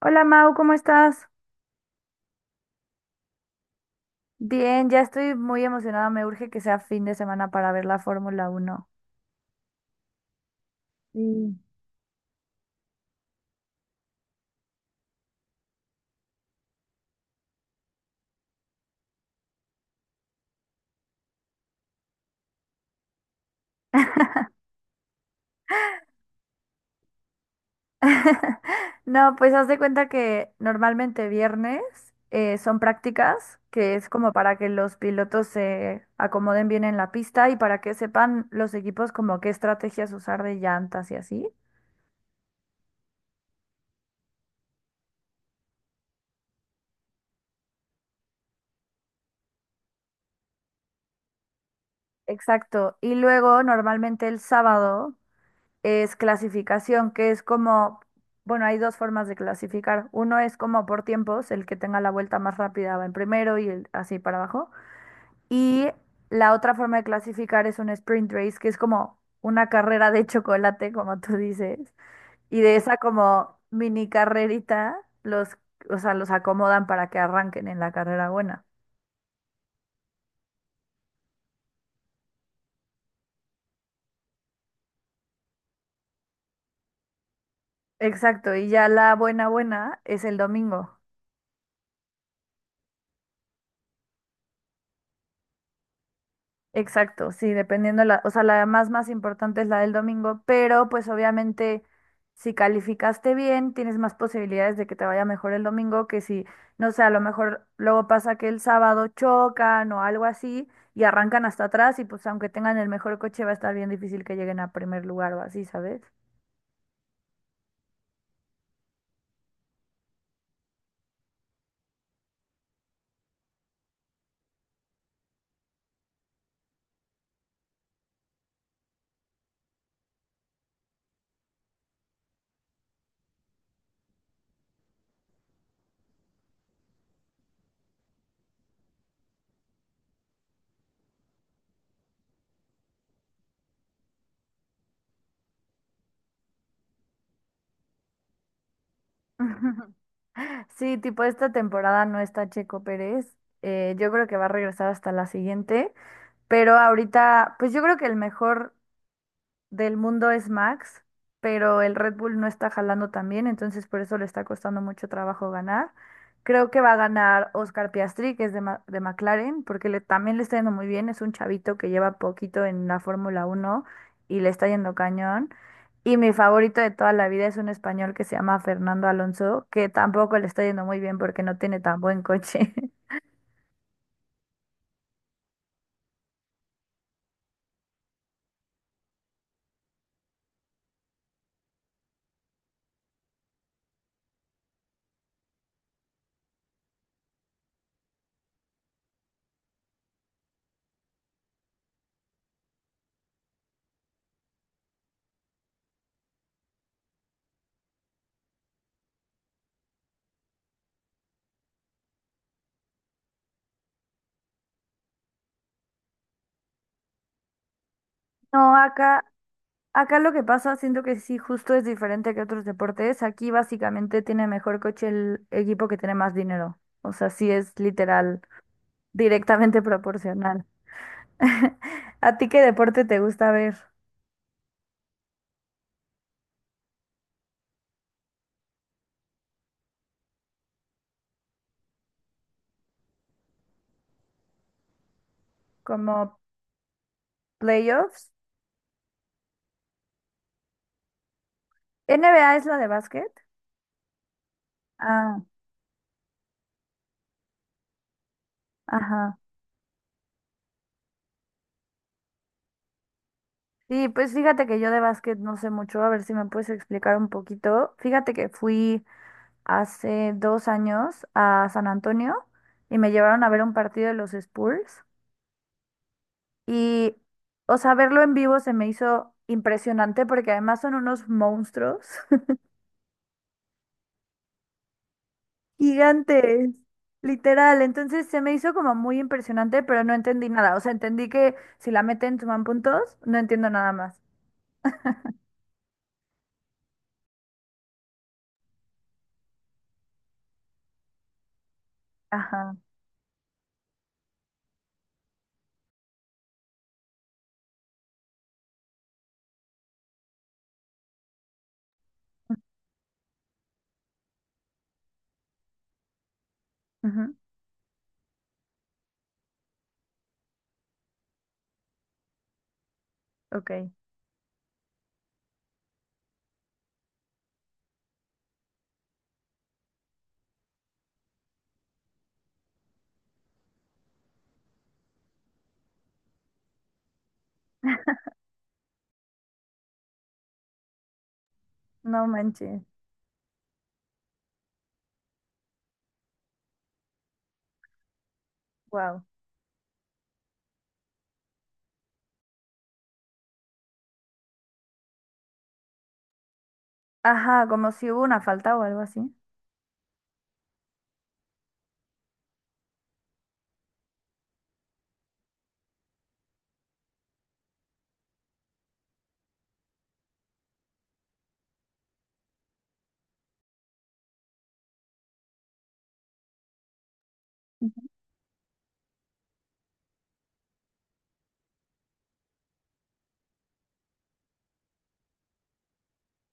Hola Mau, ¿cómo estás? Bien, ya estoy muy emocionada. Me urge que sea fin de semana para ver la Fórmula Uno. Sí. No, pues haz de cuenta que normalmente viernes son prácticas, que es como para que los pilotos se acomoden bien en la pista y para que sepan los equipos como qué estrategias usar de llantas y así. Exacto. Y luego normalmente el sábado es clasificación, que es como, bueno, hay dos formas de clasificar. Uno es como por tiempos, el que tenga la vuelta más rápida va en primero y el, así para abajo. Y la otra forma de clasificar es un sprint race, que es como una carrera de chocolate, como tú dices. Y de esa como mini carrerita, los, o sea, los acomodan para que arranquen en la carrera buena. Exacto, y ya la buena buena es el domingo. Exacto, sí, dependiendo la, o sea, la más más importante es la del domingo, pero pues obviamente si calificaste bien, tienes más posibilidades de que te vaya mejor el domingo que si, no sé, a lo mejor luego pasa que el sábado chocan o algo así y arrancan hasta atrás y pues aunque tengan el mejor coche va a estar bien difícil que lleguen a primer lugar o así, ¿sabes? Sí, tipo esta temporada no está Checo Pérez. Yo creo que va a regresar hasta la siguiente. Pero ahorita, pues yo creo que el mejor del mundo es Max, pero el Red Bull no está jalando tan bien, entonces por eso le está costando mucho trabajo ganar. Creo que va a ganar Oscar Piastri, que es de, de McLaren, porque le, también le está yendo muy bien. Es un chavito que lleva poquito en la Fórmula Uno y le está yendo cañón. Y mi favorito de toda la vida es un español que se llama Fernando Alonso, que tampoco le está yendo muy bien porque no tiene tan buen coche. No, acá lo que pasa, siento que sí, justo es diferente que otros deportes. Aquí básicamente tiene mejor coche el equipo que tiene más dinero. O sea, sí es literal, directamente proporcional. ¿A ti qué deporte te gusta ver? ¿Como playoffs? ¿NBA es la de básquet? Ah, ajá. Sí, pues fíjate que yo de básquet no sé mucho, a ver si me puedes explicar un poquito. Fíjate que fui hace 2 años a San Antonio y me llevaron a ver un partido de los Spurs. Y, o sea, verlo en vivo se me hizo impresionante porque además son unos monstruos gigantes, literal. Entonces se me hizo como muy impresionante, pero no entendí nada. O sea, entendí que si la meten suman puntos, no entiendo nada más. Ajá. Ujú. Ok. No manches. Wow. Ajá, como si hubo una falta o algo así.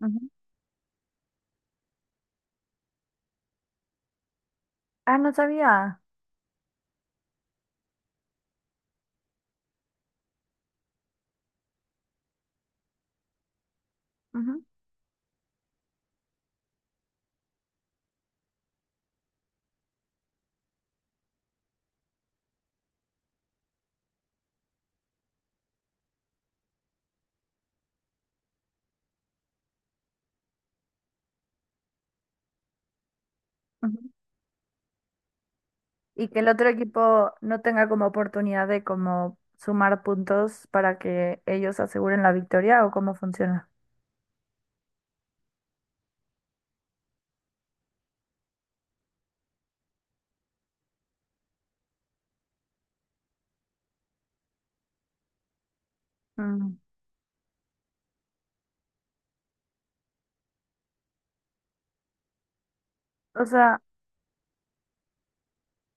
Ujú. Ah, no sabía. Ujú, ujú. Y que el otro equipo no tenga como oportunidad de como sumar puntos para que ellos aseguren la victoria o cómo funciona. Mm. O sea,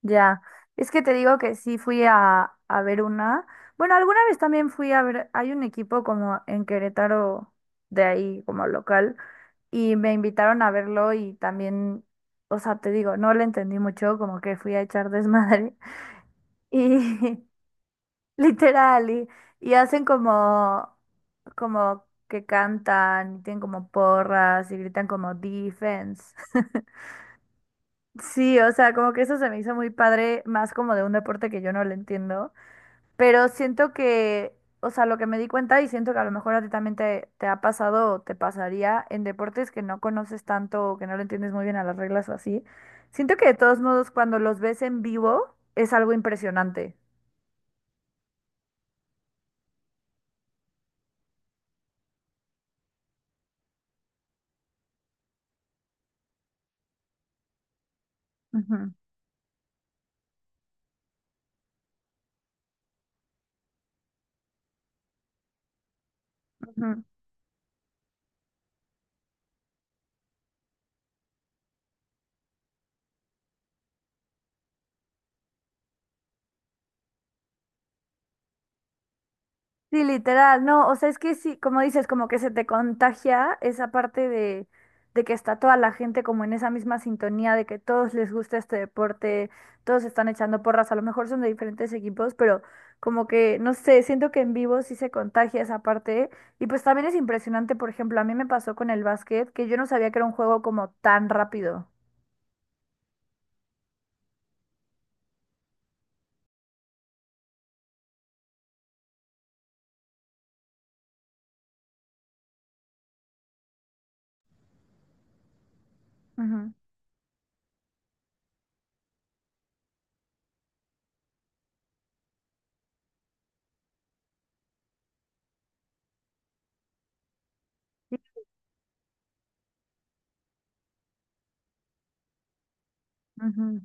ya. Es que te digo que sí fui a ver una. Bueno, alguna vez también fui a ver, hay un equipo como en Querétaro de ahí como local y me invitaron a verlo y también, o sea, te digo, no le entendí mucho, como que fui a echar desmadre. Y, literal, y hacen como, como que cantan, y tienen como porras y gritan como defense. Sí, o sea, como que eso se me hizo muy padre, más como de un deporte que yo no le entiendo, pero siento que, o sea, lo que me di cuenta y siento que a lo mejor a ti también te ha pasado o te pasaría en deportes que no conoces tanto o que no le entiendes muy bien a las reglas o así, siento que de todos modos cuando los ves en vivo es algo impresionante. Ujú, ujú. Sí, literal, no, o sea, es que sí, como dices, como que se te contagia esa parte de que está toda la gente como en esa misma sintonía, de que todos les gusta este deporte, todos están echando porras, a lo mejor son de diferentes equipos, pero como que, no sé, siento que en vivo sí se contagia esa parte. Y pues también es impresionante, por ejemplo, a mí me pasó con el básquet, que yo no sabía que era un juego como tan rápido. Ujú. Sí. Ujú,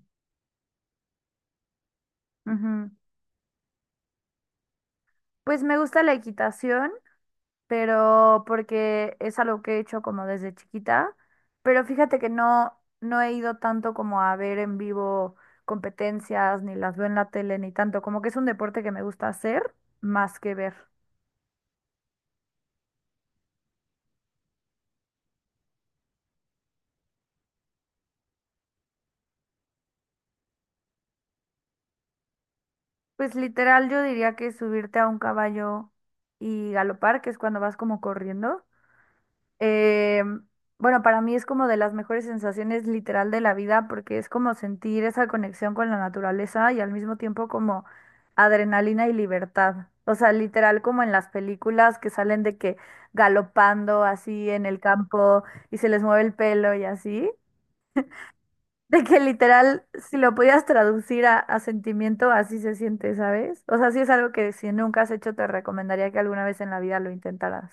ujú. Pues me gusta la equitación pero porque es algo que he hecho como desde chiquita, pero fíjate que no, no he ido tanto como a ver en vivo competencias, ni las veo en la tele, ni tanto, como que es un deporte que me gusta hacer más que ver. Pues literal yo diría que subirte a un caballo y galopar, que es cuando vas como corriendo. Eh, bueno, para mí es como de las mejores sensaciones literal de la vida porque es como sentir esa conexión con la naturaleza y al mismo tiempo como adrenalina y libertad. O sea, literal como en las películas que salen de que galopando así en el campo y se les mueve el pelo y así. De que literal, si lo pudieras traducir a sentimiento, así se siente, ¿sabes? O sea, sí es algo que si nunca has hecho, te recomendaría que alguna vez en la vida lo intentaras.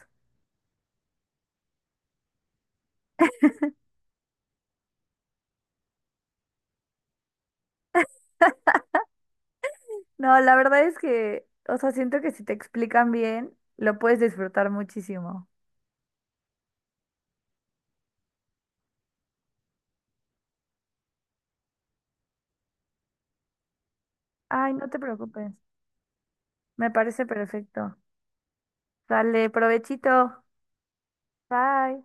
No, la verdad es que, o sea, siento que si te explican bien, lo puedes disfrutar muchísimo. Ay, no te preocupes. Me parece perfecto. Dale, provechito. Bye.